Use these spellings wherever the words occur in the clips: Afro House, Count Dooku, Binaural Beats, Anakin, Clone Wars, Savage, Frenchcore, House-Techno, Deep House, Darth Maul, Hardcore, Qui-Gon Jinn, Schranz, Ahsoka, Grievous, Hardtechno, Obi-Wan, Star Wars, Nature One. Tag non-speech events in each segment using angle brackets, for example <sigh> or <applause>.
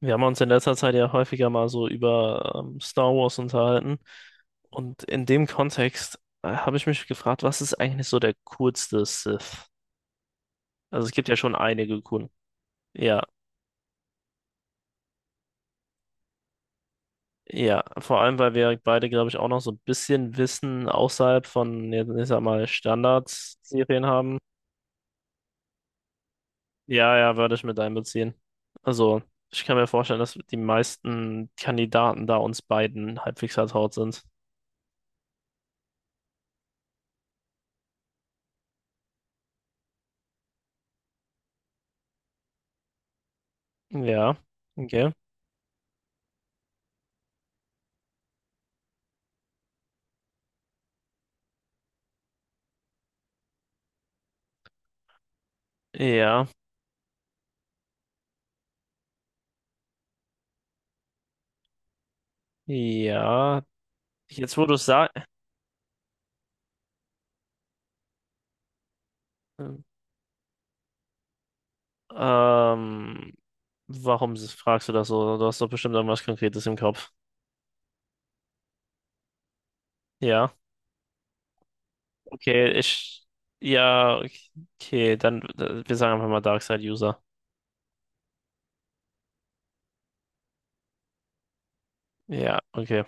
Wir haben uns in letzter Zeit ja häufiger mal so über Star Wars unterhalten. Und in dem Kontext habe ich mich gefragt, was ist eigentlich so der coolste Sith? Also es gibt ja schon einige coolen. Ja, ja. Vor allem, weil wir beide, glaube ich, auch noch so ein bisschen Wissen außerhalb von, jetzt ich sag mal, Standardserien haben. Ja, ja, würde ich mit einbeziehen. Also, ich kann mir vorstellen, dass die meisten Kandidaten da uns beiden halbwegs vertraut sind. Ja, okay. Ja. Ja, jetzt wo du es sagst, ähm, warum fragst du das so? Du hast doch bestimmt irgendwas Konkretes im Kopf. Ja, okay, ich, ja, okay, dann, wir sagen einfach mal Darkside-User. Ja, okay,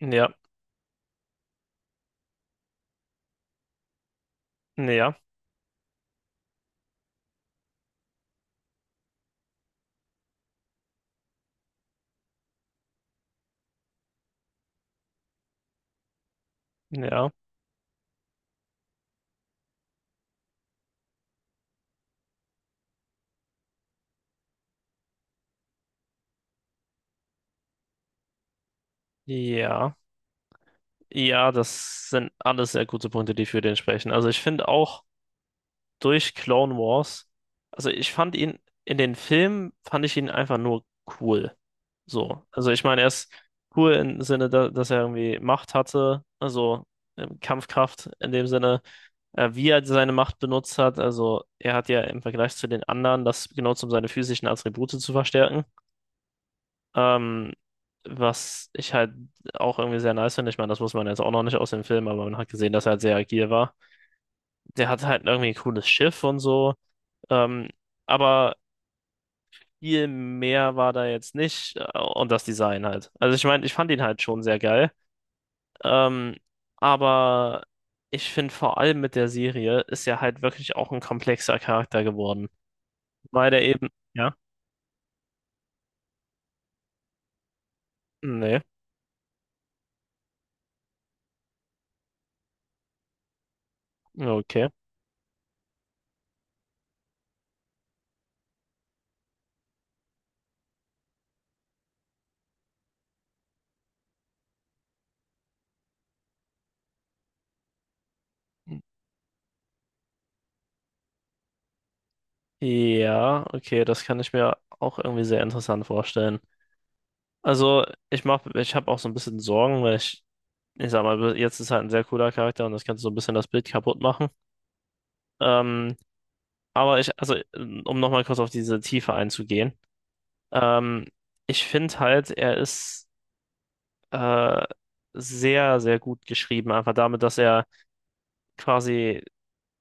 ja, ja, ja, ja, ja, das sind alles sehr gute Punkte, die für den sprechen. Also ich finde auch, durch Clone Wars. Also ich fand ihn in den Filmen, fand ich ihn einfach nur cool. So, also ich meine, er ist cool im Sinne, da, dass er irgendwie Macht hatte, also Kampfkraft in dem Sinne, wie er seine Macht benutzt hat. Also er hat ja im Vergleich zu den anderen das genutzt, um seine physischen Attribute zu verstärken. Ähm, was ich halt auch irgendwie sehr nice finde. Ich meine, das muss man jetzt auch noch nicht aus dem Film, aber man hat gesehen, dass er halt sehr agil war. Der hat halt irgendwie ein cooles Schiff und so. Ähm, aber viel mehr war da jetzt nicht und das Design halt. Also ich meine, ich fand ihn halt schon sehr geil. Ähm, aber ich finde vor allem mit der Serie ist er halt wirklich auch ein komplexer Charakter geworden. Weil er eben. Ja? Nee. Okay. Ja, okay, das kann ich mir auch irgendwie sehr interessant vorstellen. Also, ich mach, ich habe auch so ein bisschen Sorgen, weil ich sag mal, jetzt ist halt ein sehr cooler Charakter und das kannst du so ein bisschen das Bild kaputt machen. Ähm, Aber ich, also, um nochmal kurz auf diese Tiefe einzugehen, ähm, ich finde halt, er ist äh, sehr, sehr gut geschrieben, einfach damit, dass er quasi,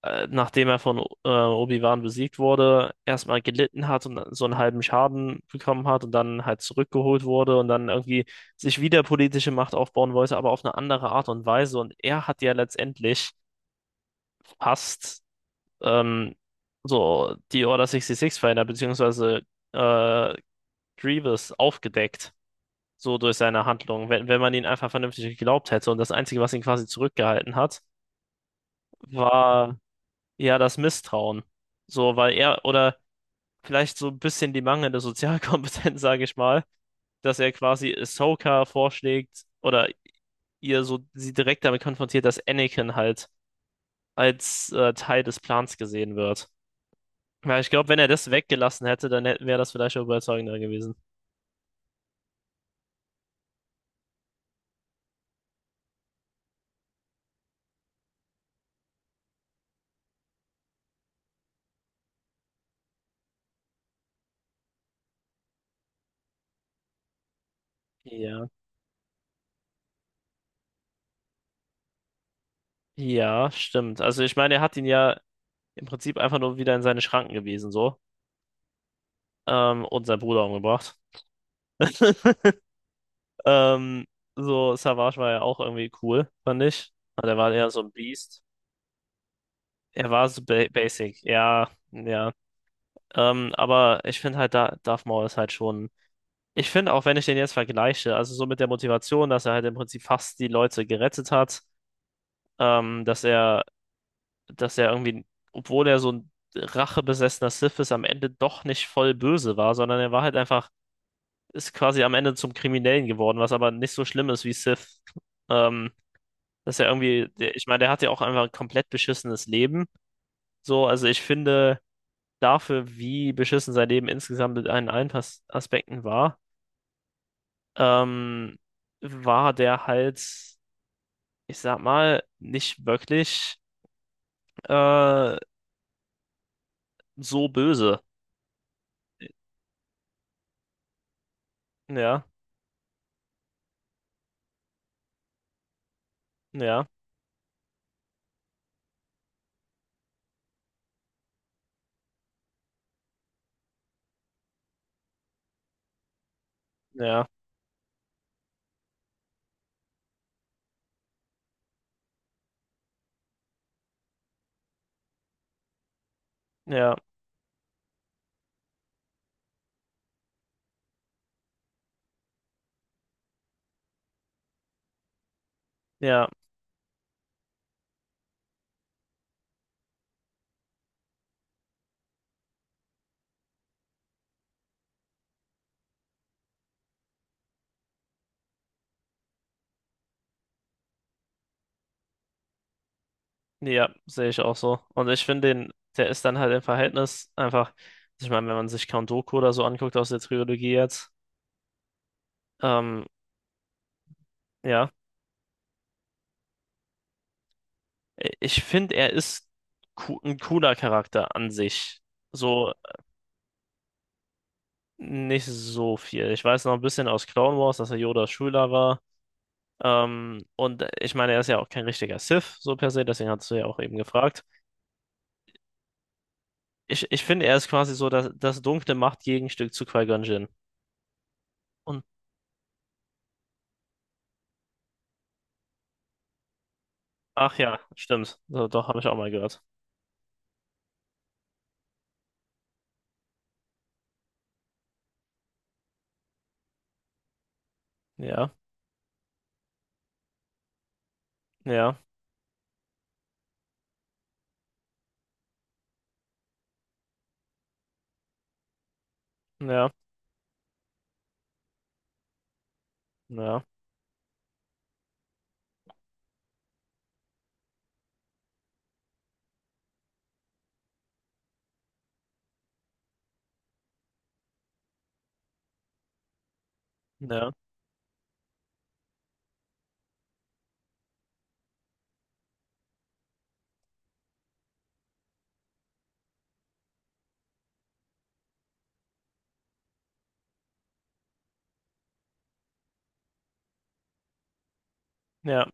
nachdem er von Obi-Wan besiegt wurde, erstmal gelitten hat und so einen halben Schaden bekommen hat und dann halt zurückgeholt wurde und dann irgendwie sich wieder politische Macht aufbauen wollte, aber auf eine andere Art und Weise. Und er hat ja letztendlich fast ähm, so die Order 66-Feinde, beziehungsweise äh, Grievous aufgedeckt, so durch seine Handlung. Wenn man ihn einfach vernünftig geglaubt hätte. Und das Einzige, was ihn quasi zurückgehalten hat, war ja das Misstrauen. So, weil er, oder vielleicht so ein bisschen die mangelnde Sozialkompetenz, <laughs> sage ich mal, dass er quasi Ahsoka vorschlägt oder ihr so sie direkt damit konfrontiert, dass Anakin halt als Teil des Plans gesehen wird. Ja, ich glaube, wenn er das weggelassen hätte, dann wäre das vielleicht auch überzeugender gewesen. Ja. Ja, stimmt. Also ich meine, er hat ihn ja im Prinzip einfach nur wieder in seine Schranken gewiesen, so. Und seinen Bruder umgebracht. <laughs> Ähm, so, Savage war ja auch irgendwie cool, fand ich. Aber der war eher so ein Beast. Er war so ba basic, ja, ja. Aber ich finde halt, da Darth Maul ist halt schon. Ich finde auch, wenn ich den jetzt vergleiche, also so mit der Motivation, dass er halt im Prinzip fast die Leute gerettet hat, ähm, dass er dass er irgendwie, obwohl er so ein rachebesessener Sith ist, am Ende doch nicht voll böse war, sondern er war halt einfach, ist quasi am Ende zum Kriminellen geworden, was aber nicht so schlimm ist wie Sith. Ähm, dass er irgendwie, der, ich meine, der hat ja auch einfach ein komplett beschissenes Leben. So, also ich finde, dafür, wie beschissen sein Leben insgesamt mit allen Aspekten war, ähm, war der halt, ich sag mal, nicht wirklich äh, so böse. Ja, ja, ja, ja. Ja, ja, sehe ich auch so. Und ich finde den, der ist dann halt im Verhältnis einfach, ich meine, wenn man sich Count Dooku oder so anguckt aus der Trilogie jetzt, ähm, ja, ich finde, er ist ein cooler Charakter an sich. So nicht so viel. Ich weiß noch ein bisschen aus Clone Wars, dass er Yodas Schüler war. Und ich meine, er ist ja auch kein richtiger Sith, so per se, deswegen hast du ja auch eben gefragt. Ich finde, er ist quasi so das, das dunkle Machtgegenstück zu Qui-Gon Jinn. Und Ach ja, stimmt. So, doch, habe ich auch mal gehört. Ja, ja, ja, ja, ja, ja,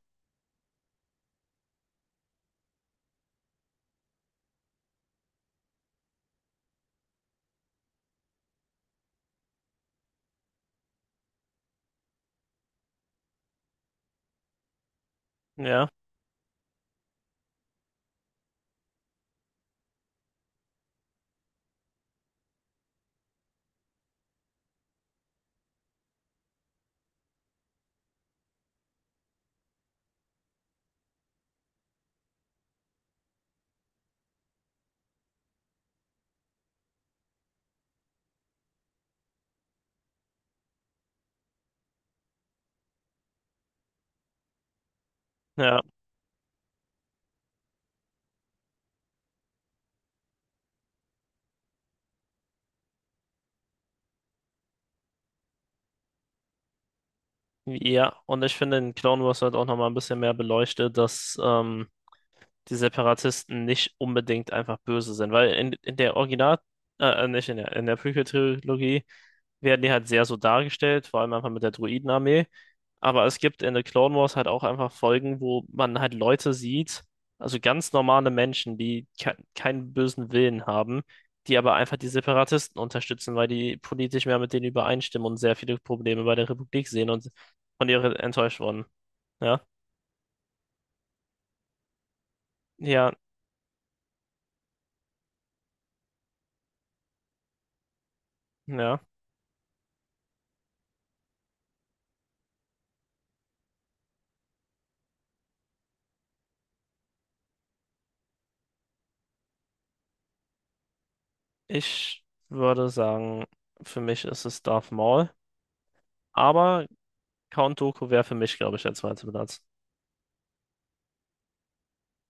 ja, ja. Ja, und ich finde, in Clone Wars wird auch nochmal ein bisschen mehr beleuchtet, dass die Separatisten nicht unbedingt einfach böse sind. Weil in der Original, nicht in in der Prequel-Trilogie werden die halt sehr so dargestellt, vor allem einfach mit der Druidenarmee. Aber es gibt in The Clone Wars halt auch einfach Folgen, wo man halt Leute sieht, also ganz normale Menschen, die ke keinen bösen Willen haben, die aber einfach die Separatisten unterstützen, weil die politisch mehr mit denen übereinstimmen und sehr viele Probleme bei der Republik sehen und von ihr enttäuscht wurden. Ja, ja, ja. Ich würde sagen, für mich ist es Darth Maul, aber Count Dooku wäre für mich, glaube ich, der zweite Platz.